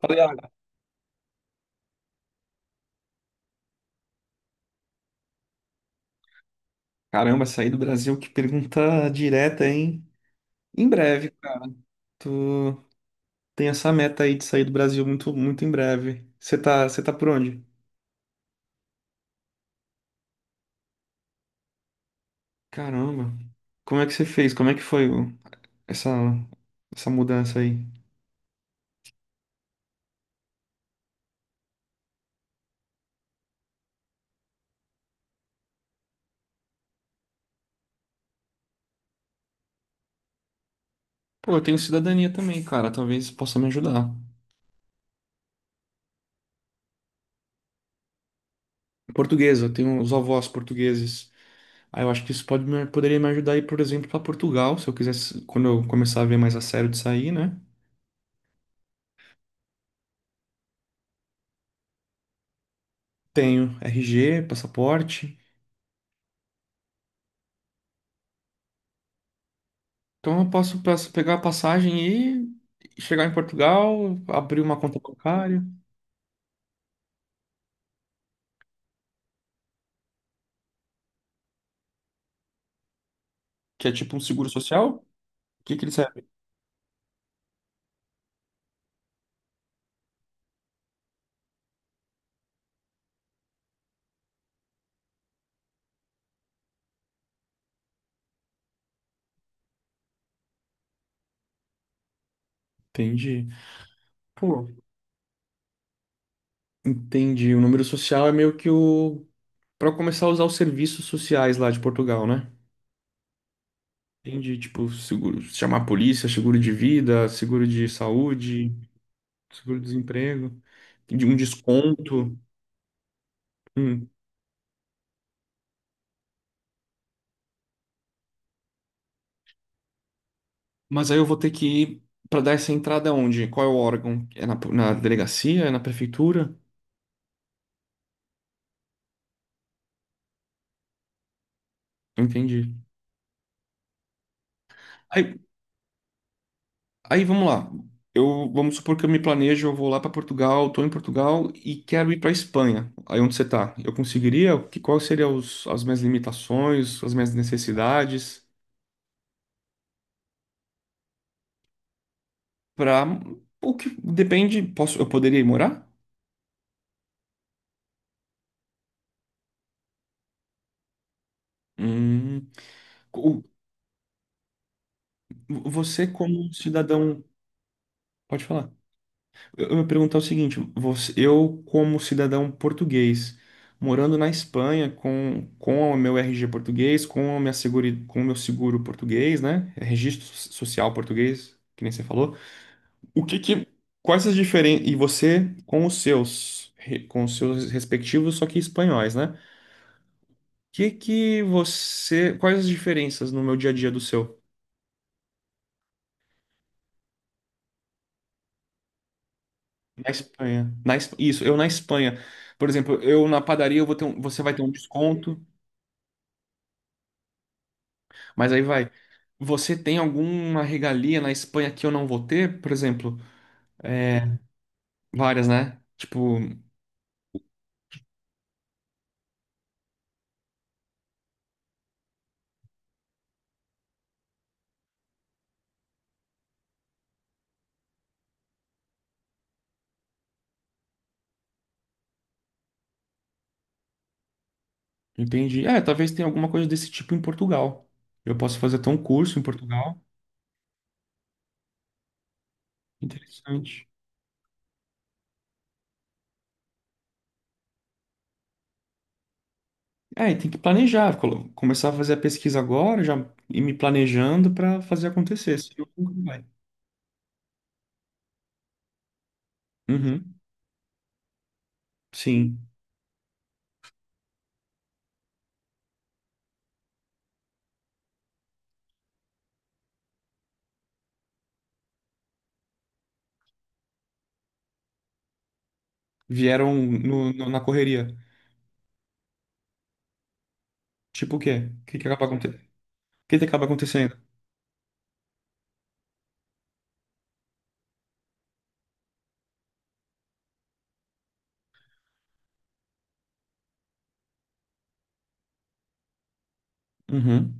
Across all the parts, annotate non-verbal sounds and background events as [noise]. Falei, ah, Caramba, sair do Brasil, que pergunta direta, hein? Em breve, cara. Tu tem essa meta aí de sair do Brasil muito em breve. Você tá por onde? Caramba. Como é que você fez? Como é que foi o- essa, essa mudança aí? Pô, eu tenho cidadania também, cara. Talvez possa me ajudar. Portuguesa, eu tenho os avós portugueses. Aí eu acho que isso poderia me ajudar aí, por exemplo, pra Portugal, se eu quisesse, quando eu começar a ver mais a sério de sair, né? Tenho RG, passaporte. Então eu pegar a passagem e chegar em Portugal, abrir uma conta bancária, que é tipo um seguro social. O que que ele serve? Entendi. Pô, entendi. O número social é meio que o. Pra começar a usar os serviços sociais lá de Portugal, né? Entendi, tipo, seguro, chamar a polícia, seguro de vida, seguro de saúde, seguro-desemprego, de um desconto. Hum. Mas aí eu vou ter que ir para dar essa entrada onde? Qual é o órgão? É na delegacia? É na prefeitura? Entendi. Aí, aí vamos lá. Eu vamos supor que eu me planejo, eu vou lá para Portugal, estou em Portugal e quero ir para Espanha. Aí onde você está? Eu conseguiria? Que Quais seriam as minhas limitações, as minhas necessidades para o que depende, posso eu poderia ir morar? Hum, o- Você, como cidadão, pode falar. Eu ia perguntar o seguinte, eu como cidadão português, morando na Espanha com o meu RG português, com a minha seguri, com o meu seguro português, né? É social português, que nem você falou. O que que, Quais as diferenças, e você com os com os seus respectivos, só que espanhóis, né? Quais as diferenças no meu dia a dia do seu? Na Espanha. Eu na Espanha. Por exemplo, eu na padaria eu vou ter um- você vai ter um desconto, mas aí vai. Você tem alguma regalia na Espanha que eu não vou ter? Por exemplo, é, várias, né? Tipo, entendi. É, talvez tenha alguma coisa desse tipo em Portugal. Eu posso fazer até um curso em Portugal. Interessante. É, e tem que planejar, começar a fazer a pesquisa agora, já ir me planejando para fazer acontecer. Senão nunca vai. Uhum, sim. Vieram na correria. Tipo o quê? O que que acaba acontecendo? O que que acaba acontecendo? Uhum.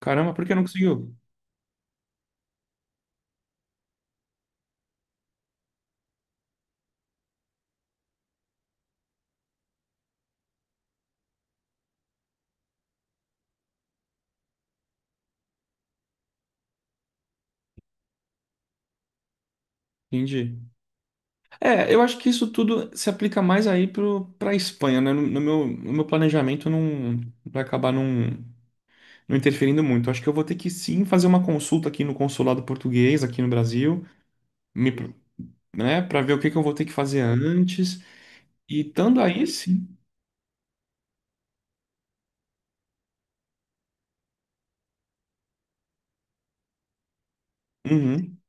Caramba, por que não conseguiu? Entendi. É, eu acho que isso tudo se aplica mais aí pra Espanha, né? No meu planejamento não vai acabar não, não interferindo muito. Acho que eu vou ter que sim fazer uma consulta aqui no consulado português, aqui no Brasil, me, pro- né, para ver o que que eu vou ter que fazer antes. E estando aí, sim. Uhum,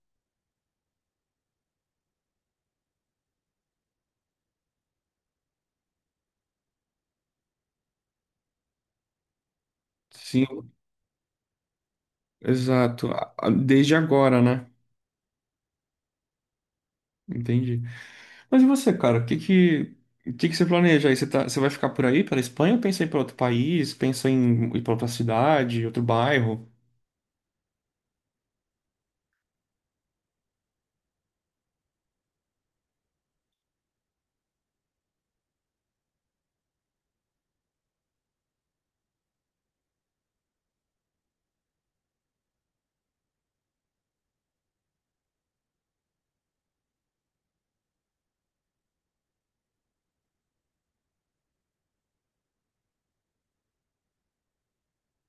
sim, exato. Desde agora, né? Entendi. Mas e você, cara? O que que você planeja aí? Você tá, você vai ficar por aí, pela Espanha, ou pensa em ir para outro país? Pensa em ir para outra cidade, outro bairro?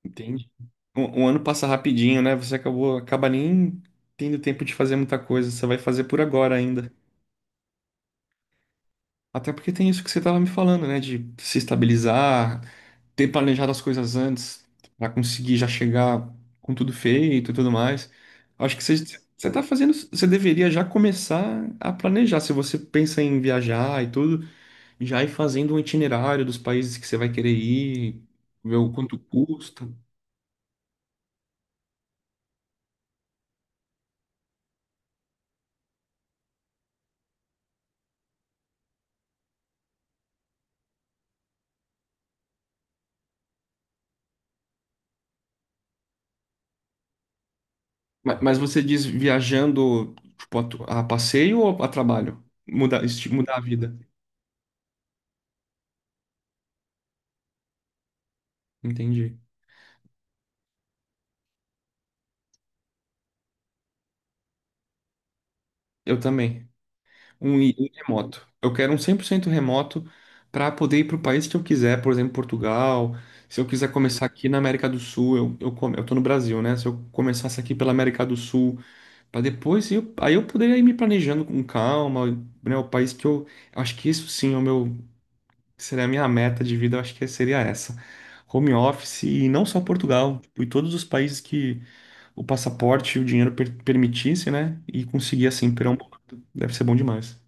Entendi. Um ano passa rapidinho, né? Acaba nem tendo tempo de fazer muita coisa, você vai fazer por agora ainda. Até porque tem isso que você estava me falando, né? De se estabilizar, ter planejado as coisas antes para conseguir já chegar com tudo feito e tudo mais. Acho que você, você tá fazendo, você deveria já começar a planejar. Se você pensa em viajar e tudo, já ir fazendo um itinerário dos países que você vai querer ir, ver o quanto custa. Mas você diz viajando, tipo, a passeio ou a trabalho? Mudar, mudar a vida. Entendi. Eu também. Um remoto. Eu quero um 100% remoto para poder ir para o país que eu quiser, por exemplo, Portugal. Se eu quiser começar aqui na América do Sul, eu tô no Brasil, né? Se eu começasse aqui pela América do Sul, para depois, aí eu poderia ir me planejando com calma, né? O país que eu. Acho que isso sim é o meu. Seria a minha meta de vida, eu acho que seria essa. Home office, e não só Portugal, tipo, e todos os países que o passaporte e o dinheiro permitisse, né? E conseguir assim pegar um pouco. Deve ser bom demais.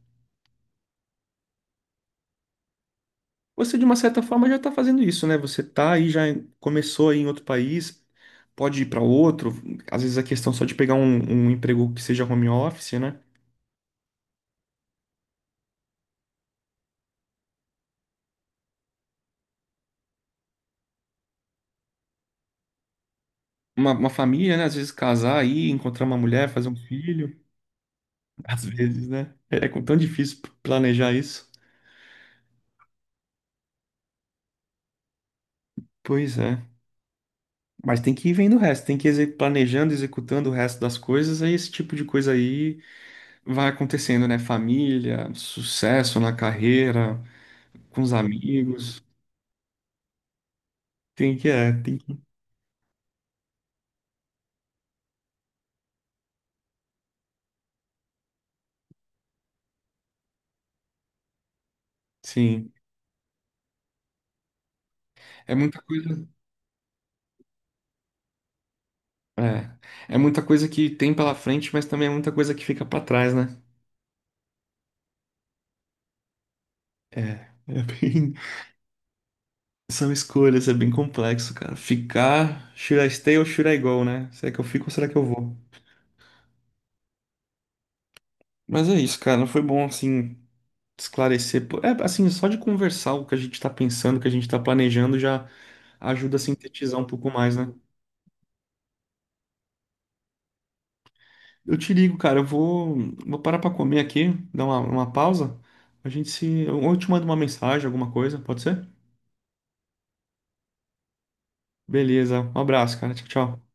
Você, de uma certa forma, já está fazendo isso, né? Você tá aí, já começou aí em outro país, pode ir para outro. Às vezes a questão só de pegar um emprego que seja home office, né? Uma família, né? Às vezes casar aí, encontrar uma mulher, fazer um filho. [laughs] Às vezes, né? É é tão difícil planejar isso. Pois é. Mas tem que ir vendo o resto, tem que planejando, executando o resto das coisas, aí esse tipo de coisa aí vai acontecendo, né? Família, sucesso na carreira, com os amigos. Tem que, sim. É muita coisa, é. É muita coisa que tem pela frente, mas também é muita coisa que fica pra trás, né? É, é bem, [laughs] são escolhas, é bem complexo, cara. Ficar, should I stay ou should I go, né? Será que eu fico ou será que eu vou? Mas é isso, cara. Foi bom, assim, esclarecer. É, assim, só de conversar o que a gente tá pensando, o que a gente tá planejando, já ajuda a sintetizar um pouco mais, né? Eu te ligo, cara. Vou parar pra comer aqui, dar uma pausa. A gente se. Ou eu te mando uma mensagem, alguma coisa, pode ser? Beleza. Um abraço, cara. Tchau, tchau.